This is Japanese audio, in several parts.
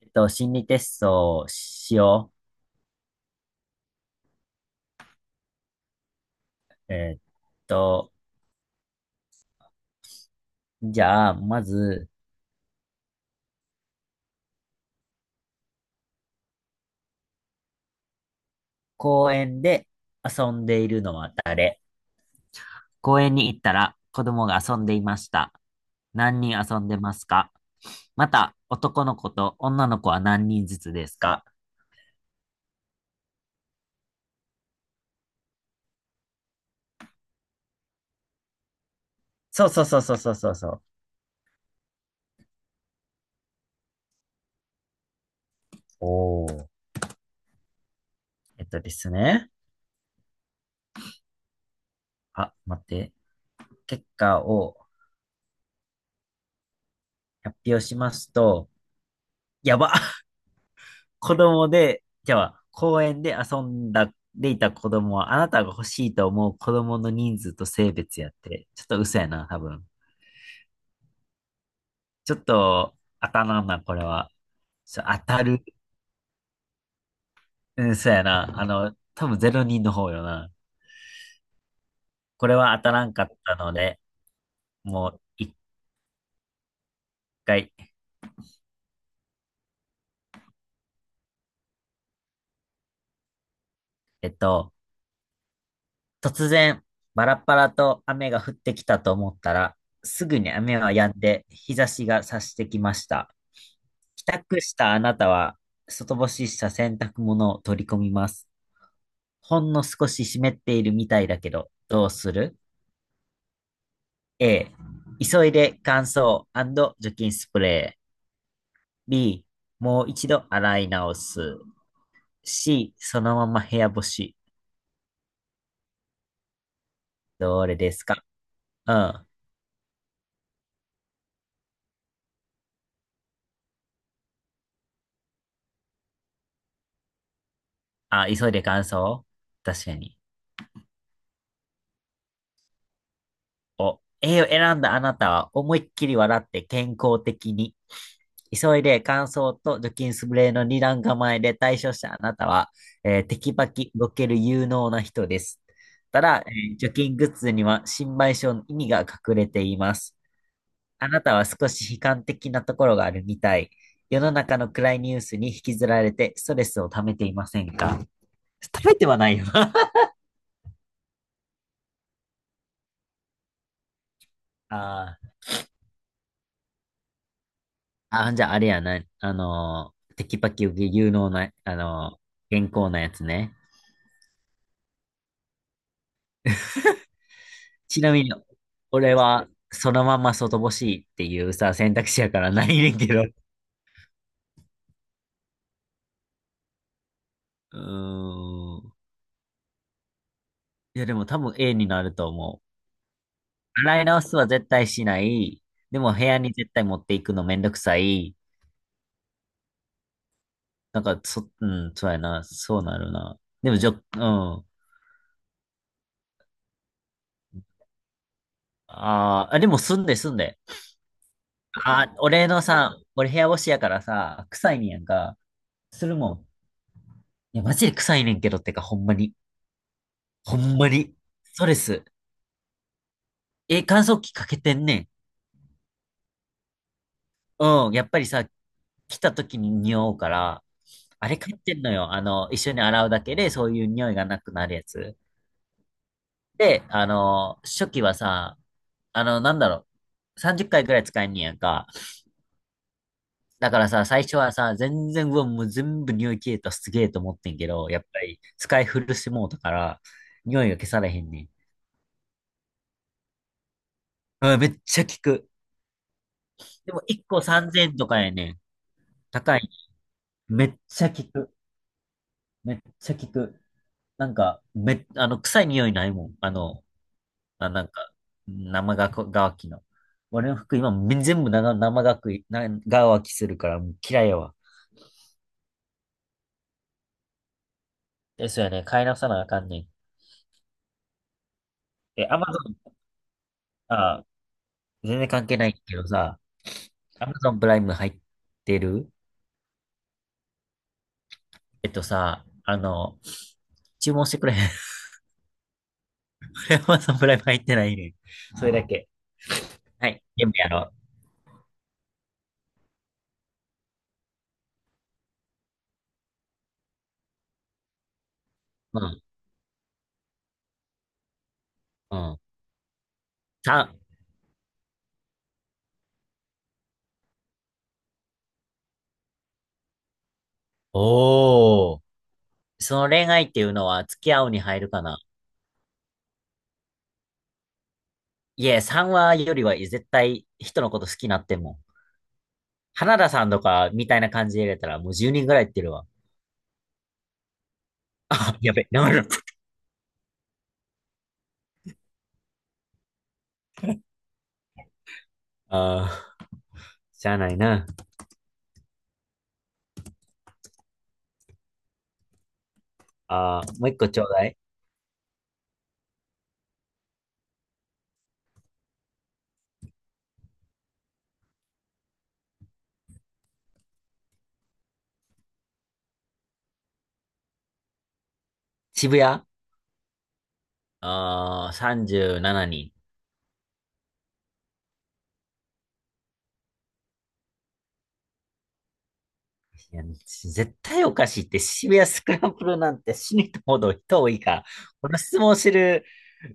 心理テストをしよう。と、じゃあ、まず、公園で遊んでいるのは誰？公園に行ったら子供が遊んでいました。何人遊んでますか？また、男の子と女の子は何人ずつですか？そうそうそうそうそうそうそう。おー。えっとですね。あ、待って。結果を発表しますと、やば。子供で、じゃあ、公園で遊んだ、でいた子供は、あなたが欲しいと思う子供の人数と性別やって、ちょっと嘘やな、多分。ちょっと、当たらんな、これは。ちょ当たる。うん、そうやな。あの、多分0人の方よな。これは当たらんかったので、もう一回。えっと、突然、バラッバラと雨が降ってきたと思ったら、すぐに雨は止んで、日差しが差してきました。帰宅したあなたは、外干しした洗濯物を取り込みます。ほんの少し湿っているみたいだけど、どうする？ A、急いで乾燥除菌スプレー。B、もう一度洗い直す。C、そのまま部屋干し。どれですか？うん。あ、急いで乾燥確かに。を A を選んだあなたは思いっきり笑って健康的に。急いで乾燥と除菌スプレーの二段構えで対処したあなたは、テキパキ動ける有能な人です。ただ、除菌グッズには心配性の意味が隠れています。あなたは少し悲観的なところがあるみたい。世の中の暗いニュースに引きずられてストレスを溜めていませんか？ 溜めてはないよな。ああ。あ、じゃああれやな、テキパキ有能な、健康なやつね。ちなみに、俺は、そのまま外干しっていうさ、選択肢やからないねんけど。うーん。いや、でも多分 A になると思う。洗い直すは絶対しない。でも部屋に絶対持っていくのめんどくさい。なんか、そ、うん、そうやな。そうなるな。でも、じょ、うん。あーあ、でも住んで住んで。あー、俺のさ、俺部屋干しやからさ、臭いねやんか。するもん。いや、マジで臭いねんけどってか、ほんまに。ほんまに。ストレス。え、乾燥機かけてんねん。うん。やっぱりさ、来た時に匂うから、あれ買ってんのよ。あの、一緒に洗うだけで、そういう匂いがなくなるやつ。で、あの、初期はさ、なんだろう。30回くらい使えんねんやんか。だからさ、最初はさ、全然、うわ、もう全部匂い消えた、すげえと思ってんけど、やっぱり使い古してもうたから、匂いが消されへんねん。うん、めっちゃ効く。でも1個3000円とかやねん。高い。めっちゃ効く。めっちゃ効く。なんか、め、臭い匂いないもん。あの、あ、なんか、生がこ、がわきの。俺の服今、め全部生、生がくい、な、がわきするから、もう嫌いやわ。ですよね。買い直さなあかんねん。え、アマゾン、あ、全然関係ないけどさ、アマゾンプライム入ってる？えっとさ、あの、注文してくれへん。アマゾンプライム入ってないねん。それだけ。はい。全部やろう。うん。うん。3。おー。その恋愛っていうのは付き合うに入るかな。いえ、3話よりは絶対人のこと好きになっても花田さんとかみたいな感じで入れたらもう10人ぐらいいってるわ。あ、やべ、なる。ああ、しゃあないな。ああ、もう一個ちょうだい。渋谷。ああ、37人。いや絶対おかしいって、渋谷スクランブルなんて死にとほど人多いから。この質問してる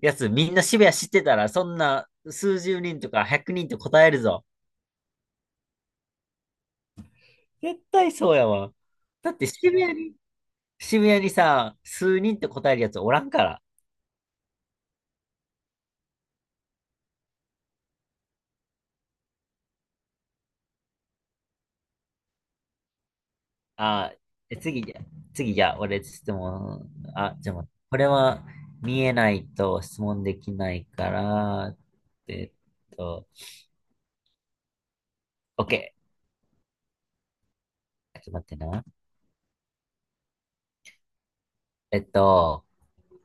やつみんな渋谷知ってたら、そんな数十人とか100人って答えるぞ。絶対そうやわ。だって渋谷にさ、数人って答えるやつおらんから。あ、え、次じゃあ、俺質問、あ、じゃあ待って、これは見えないと質問できないから、えっと、OK。ちょっと待ってな。えっと、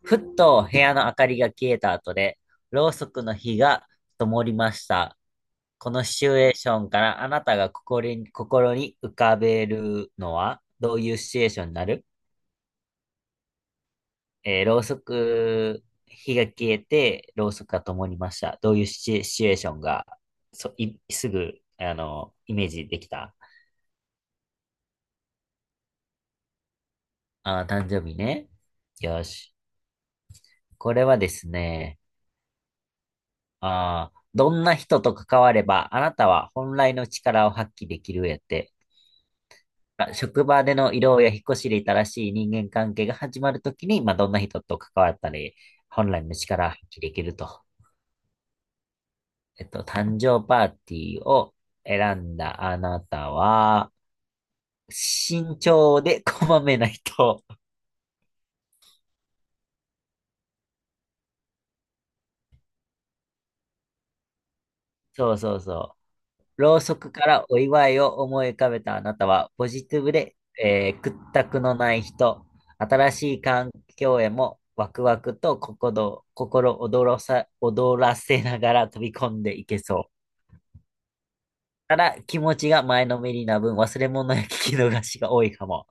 ふっと部屋の明かりが消えた後で、ろうそくの火が灯りました。このシチュエーションからあなたが心に浮かべるのはどういうシチュエーションになる？ろうそく、火が消えて、ろうそくが灯りました。どういうシチュエーションが、そ、い、すぐ、あの、イメージできた？あー、誕生日ね。よし。これはですね、ああ、どんな人と関われば、あなたは本来の力を発揮できるやって。まあ職場での異動や引っ越しで新しい人間関係が始まるときに、まあ、どんな人と関わったり、本来の力を発揮できると。誕生パーティーを選んだあなたは、慎重でこまめな人。そうそうそう。ろうそくからお祝いを思い浮かべたあなたは、ポジティブで、屈託のない人、新しい環境へもワクワクと心躍らせながら飛び込んでいけそう。ただ、気持ちが前のめりな分、忘れ物や聞き逃しが多いかも。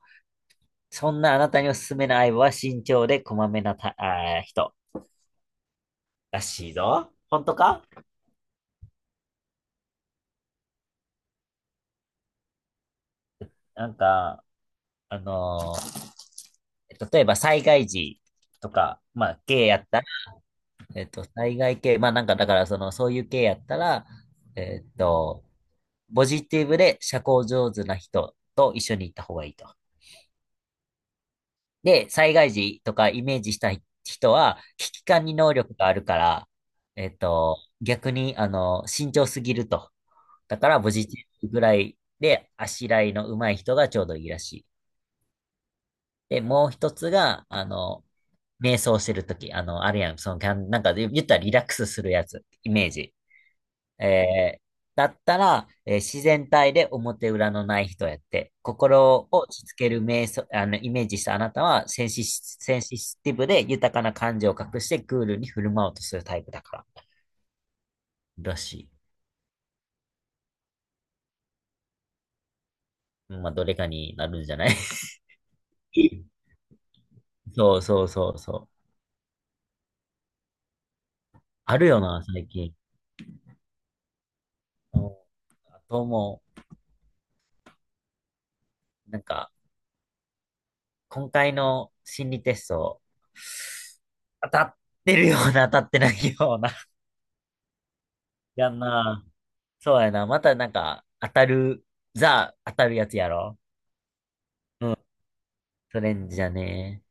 そんなあなたにおすすめの相棒は慎重でこまめなた、あー人らしいぞ。本当か？なんか、あのー例えば災害時とか、まあ、ゲイやったら災害系、まあなんかだから、その、そういう系やったら、えっと、ポジティブで社交上手な人と一緒に行った方がいいと。で、災害時とかイメージしたい人は、危機管理能力があるから、逆に、あの、慎重すぎると。だから、ポジティブぐらいで、あしらいの上手い人がちょうどいいらしい。で、もう一つが、あの、瞑想してるとき、あの、あるやん、その、キャンなんか言ったらリラックスするやつ、イメージ。えーだったら、自然体で表裏のない人やって、心を落ち着ける瞑想、あの、イメージしたあなたは、センシティブで豊かな感情を隠してクールに振る舞おうとするタイプだから。らしい。まあ、どれかになるんじゃない？ そうそうそうそう。あるよな、最近。うんあともう、なんか、今回の心理テスト、当たってるような、当たってないような。やんな。そうやな。またなんか、当たる、ザ、当たるやつやろ。うん。それんじゃね。